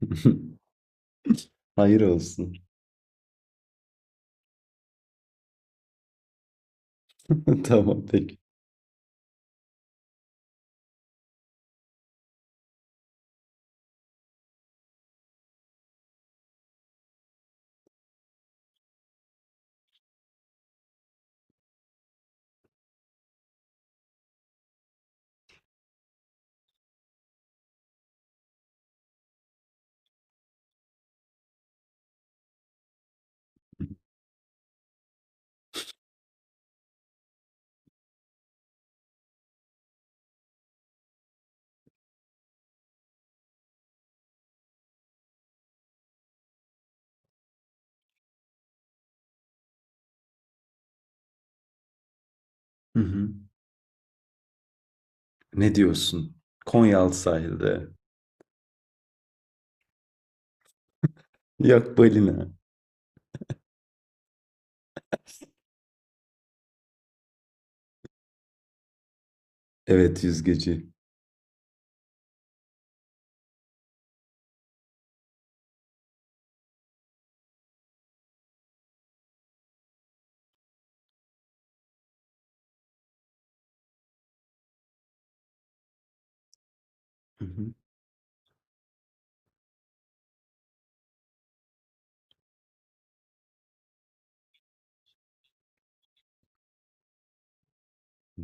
Hayır olsun. Tamam, peki. Hı hı. Ne diyorsun? Konyaaltı sahilde. Yok, balina. Evet, yüzgeci. Hı hı.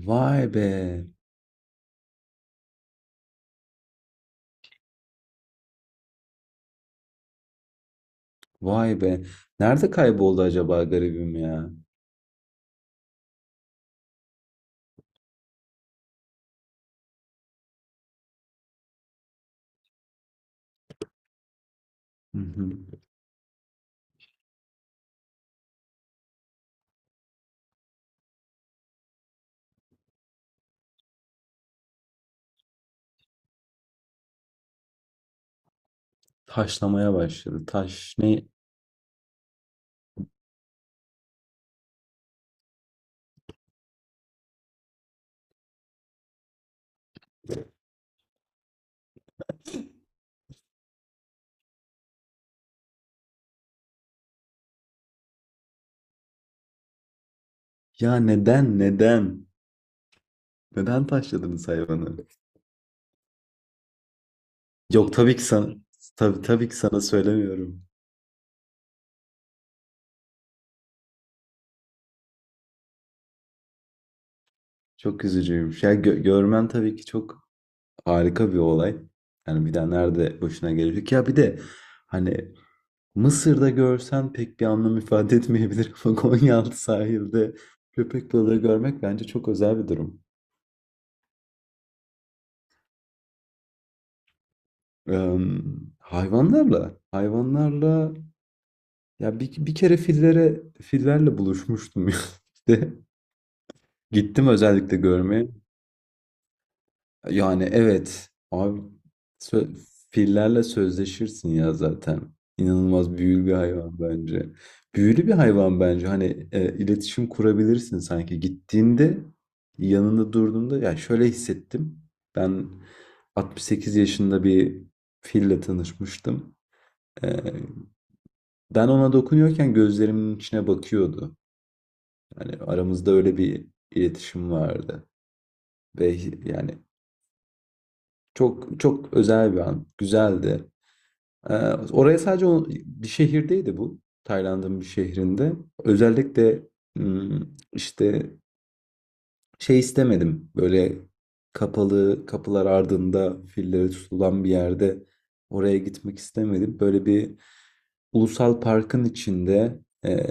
Vay be. Vay be. Nerede kayboldu acaba garibim ya? Hı hı. Taşlamaya başladı. Taş ne? Ya, neden neden? Neden taşladınız hayvanı? Yok, tabii ki sana. Tabii, tabii ki sana söylemiyorum. Çok üzücüymüş. Ya, görmen tabii ki çok. Harika bir olay. Yani bir daha nerede başına gelecek? Ya bir de hani Mısır'da görsen pek bir anlam ifade etmeyebilir ama Konyaaltı sahilde köpek balığı görmek bence çok özel bir durum. Eee, hayvanlarla, ya bir kere fillerle buluşmuştum ya. İşte gittim özellikle görmeye. Yani evet abi, sö- fillerle sözleşirsin ya zaten. İnanılmaz büyülü bir hayvan bence. Büyülü bir hayvan bence. Hani iletişim kurabilirsin sanki. Gittiğinde yanında durduğunda ya şöyle hissettim. Ben 68 yaşında bir fille tanışmıştım. E, ben ona dokunuyorken gözlerimin içine bakıyordu. Yani aramızda öyle bir iletişim vardı. Ve yani çok çok özel bir an. Güzeldi. Ee, oraya sadece bir şehirdeydi bu. Tayland'ın bir şehrinde. Özellikle hmm, işte şey istemedim. Böyle kapalı kapılar ardında filleri tutulan bir yerde oraya gitmek istemedim. Böyle bir ulusal parkın içinde e,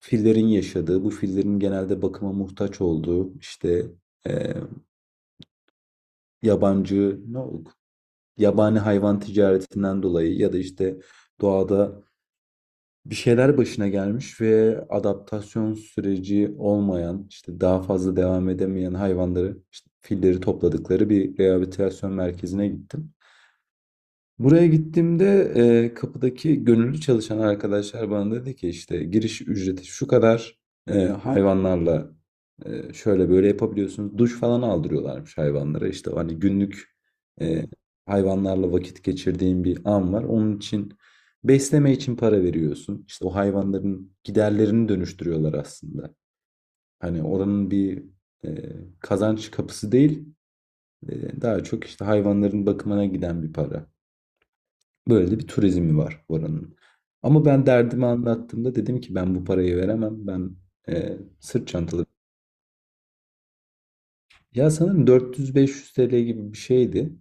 fillerin yaşadığı, bu fillerin genelde bakıma muhtaç olduğu, işte e, yabancı ne oldu? Yabani hayvan ticaretinden dolayı ya da işte doğada bir şeyler başına gelmiş ve adaptasyon süreci olmayan, işte daha fazla devam edemeyen hayvanları, işte filleri topladıkları bir rehabilitasyon merkezine gittim. Buraya gittiğimde, kapıdaki gönüllü çalışan arkadaşlar bana dedi ki işte giriş ücreti şu kadar, hayvanlarla, şöyle böyle yapabiliyorsunuz. Duş falan aldırıyorlarmış hayvanlara. İşte hani günlük, eee, hayvanlarla vakit geçirdiğin bir an var. Onun için besleme için para veriyorsun. İşte, o hayvanların giderlerini dönüştürüyorlar aslında. Hani, oranın bir, kazanç kapısı değil, daha çok işte hayvanların bakımına giden bir para. Böyle de bir turizmi var oranın. Ama ben derdimi anlattığımda dedim ki ben bu parayı veremem. Ben sırt çantalı. Ya sanırım 400-500 TL gibi bir şeydi.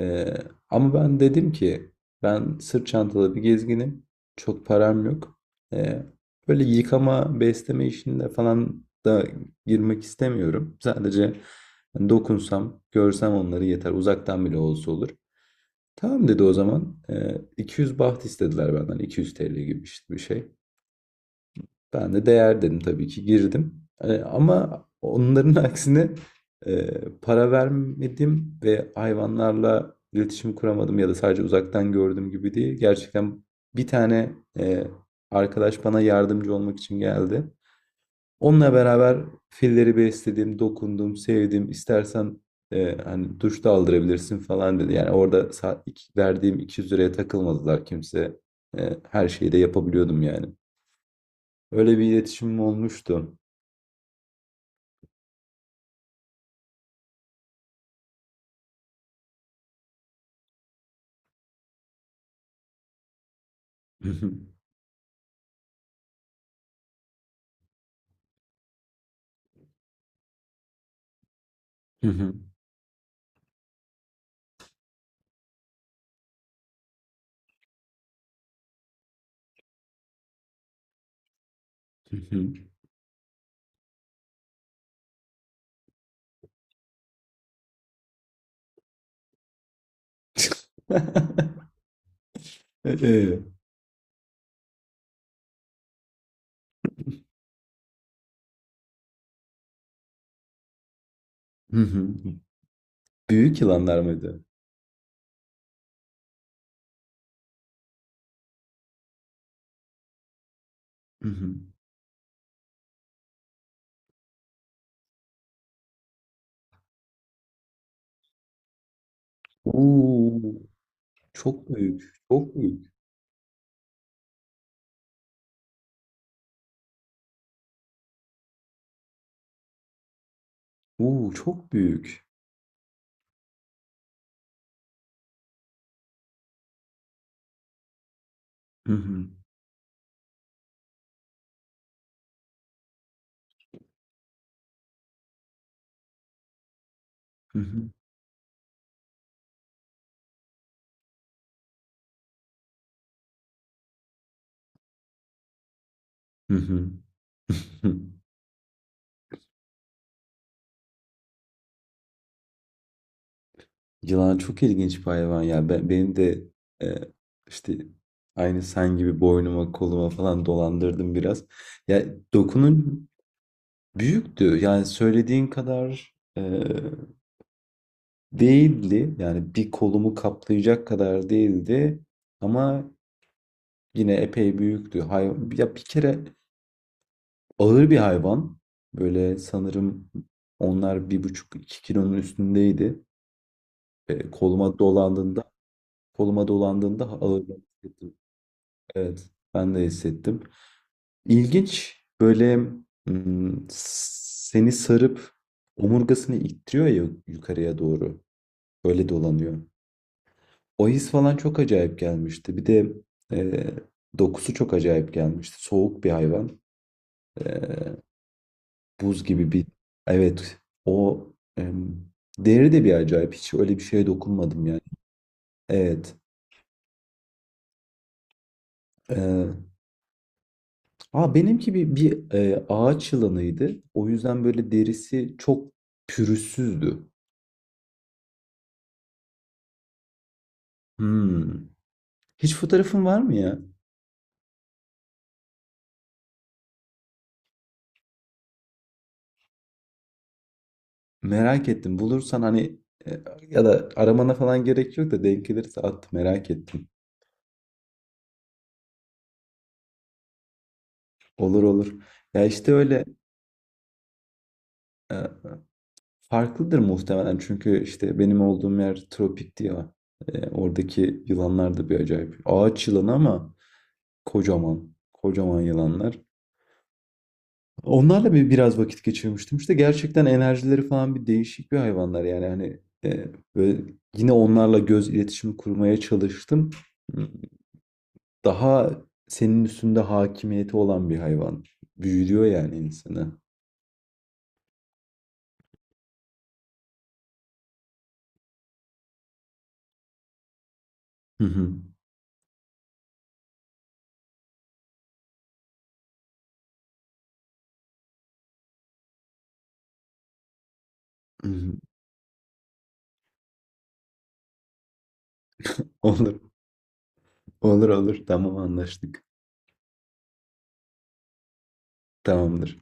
E, ama ben dedim ki ben sırt çantalı bir gezginim. Çok param yok. E, böyle yıkama, besleme işinde falan da girmek istemiyorum. Sadece hani dokunsam, görsem onları yeter. Uzaktan bile olsa olur. Tamam dedi o zaman. 200 baht istediler benden. 200 TL gibi işte bir şey. Ben de değer dedim, tabii ki girdim. Ama onların aksine e, para vermedim ve hayvanlarla iletişim kuramadım ya da sadece uzaktan gördüm gibi değil. Gerçekten bir tane e, arkadaş bana yardımcı olmak için geldi. Onunla beraber filleri besledim, dokundum, sevdim. İstersen hani duş da aldırabilirsin falan dedi. Yani orada verdiğim 200 liraya takılmadılar kimse. Her şeyi de yapabiliyordum yani. Öyle bir iletişimim olmuştu. Ee, Büyük yılanlar mıydı? Oo, çok büyük, çok büyük. Oo, çok büyük. Yılan çok ilginç bir hayvan ya. Benim de e, işte aynı sen gibi boynuma koluma falan dolandırdım biraz. Ya, dokunun büyüktü. Yani söylediğin kadar değildi. Yani bir kolumu kaplayacak kadar değildi. Ama yine epey büyüktü. Hay ya, bir kere ağır bir hayvan. Böyle sanırım onlar bir buçuk iki kilonun üstündeydi. E, koluma dolandığında koluma dolandığında ağırlık hissettim. Evet, ben de hissettim. İlginç böyle, seni sarıp omurgasını ittiriyor ya yukarıya doğru. Öyle dolanıyor. O his falan çok acayip gelmişti. Bir de e, dokusu çok acayip gelmişti. Soğuk bir hayvan. Buz gibi bir. Evet, o em, deri de bir acayip. Hiç öyle bir şeye dokunmadım yani. Evet. Ee, benimki bir ağaç yılanıydı. O yüzden böyle derisi çok pürüzsüzdü. Hmm. Hiç fotoğrafın var mı ya? Merak ettim. Bulursan hani, e, ya da aramana falan gerek yok da denk gelirse at, merak ettim. Olur olur. Ya işte öyle e, farklıdır muhtemelen çünkü işte benim olduğum yer tropikti ya. Oradaki yılanlar da bir acayip. Ağaç yılanı ama kocaman. Kocaman yılanlar. Onlarla bir biraz vakit geçirmiştim. İşte gerçekten enerjileri falan bir değişik bir hayvanlar yani, hani e, böyle yine onlarla göz iletişimi kurmaya çalıştım. Daha senin üstünde hakimiyeti olan bir hayvan. Büyülüyor yani insanı. Hı hı. Hı hı. Olur, olur, olur. Tamam anlaştık. Tamamdır.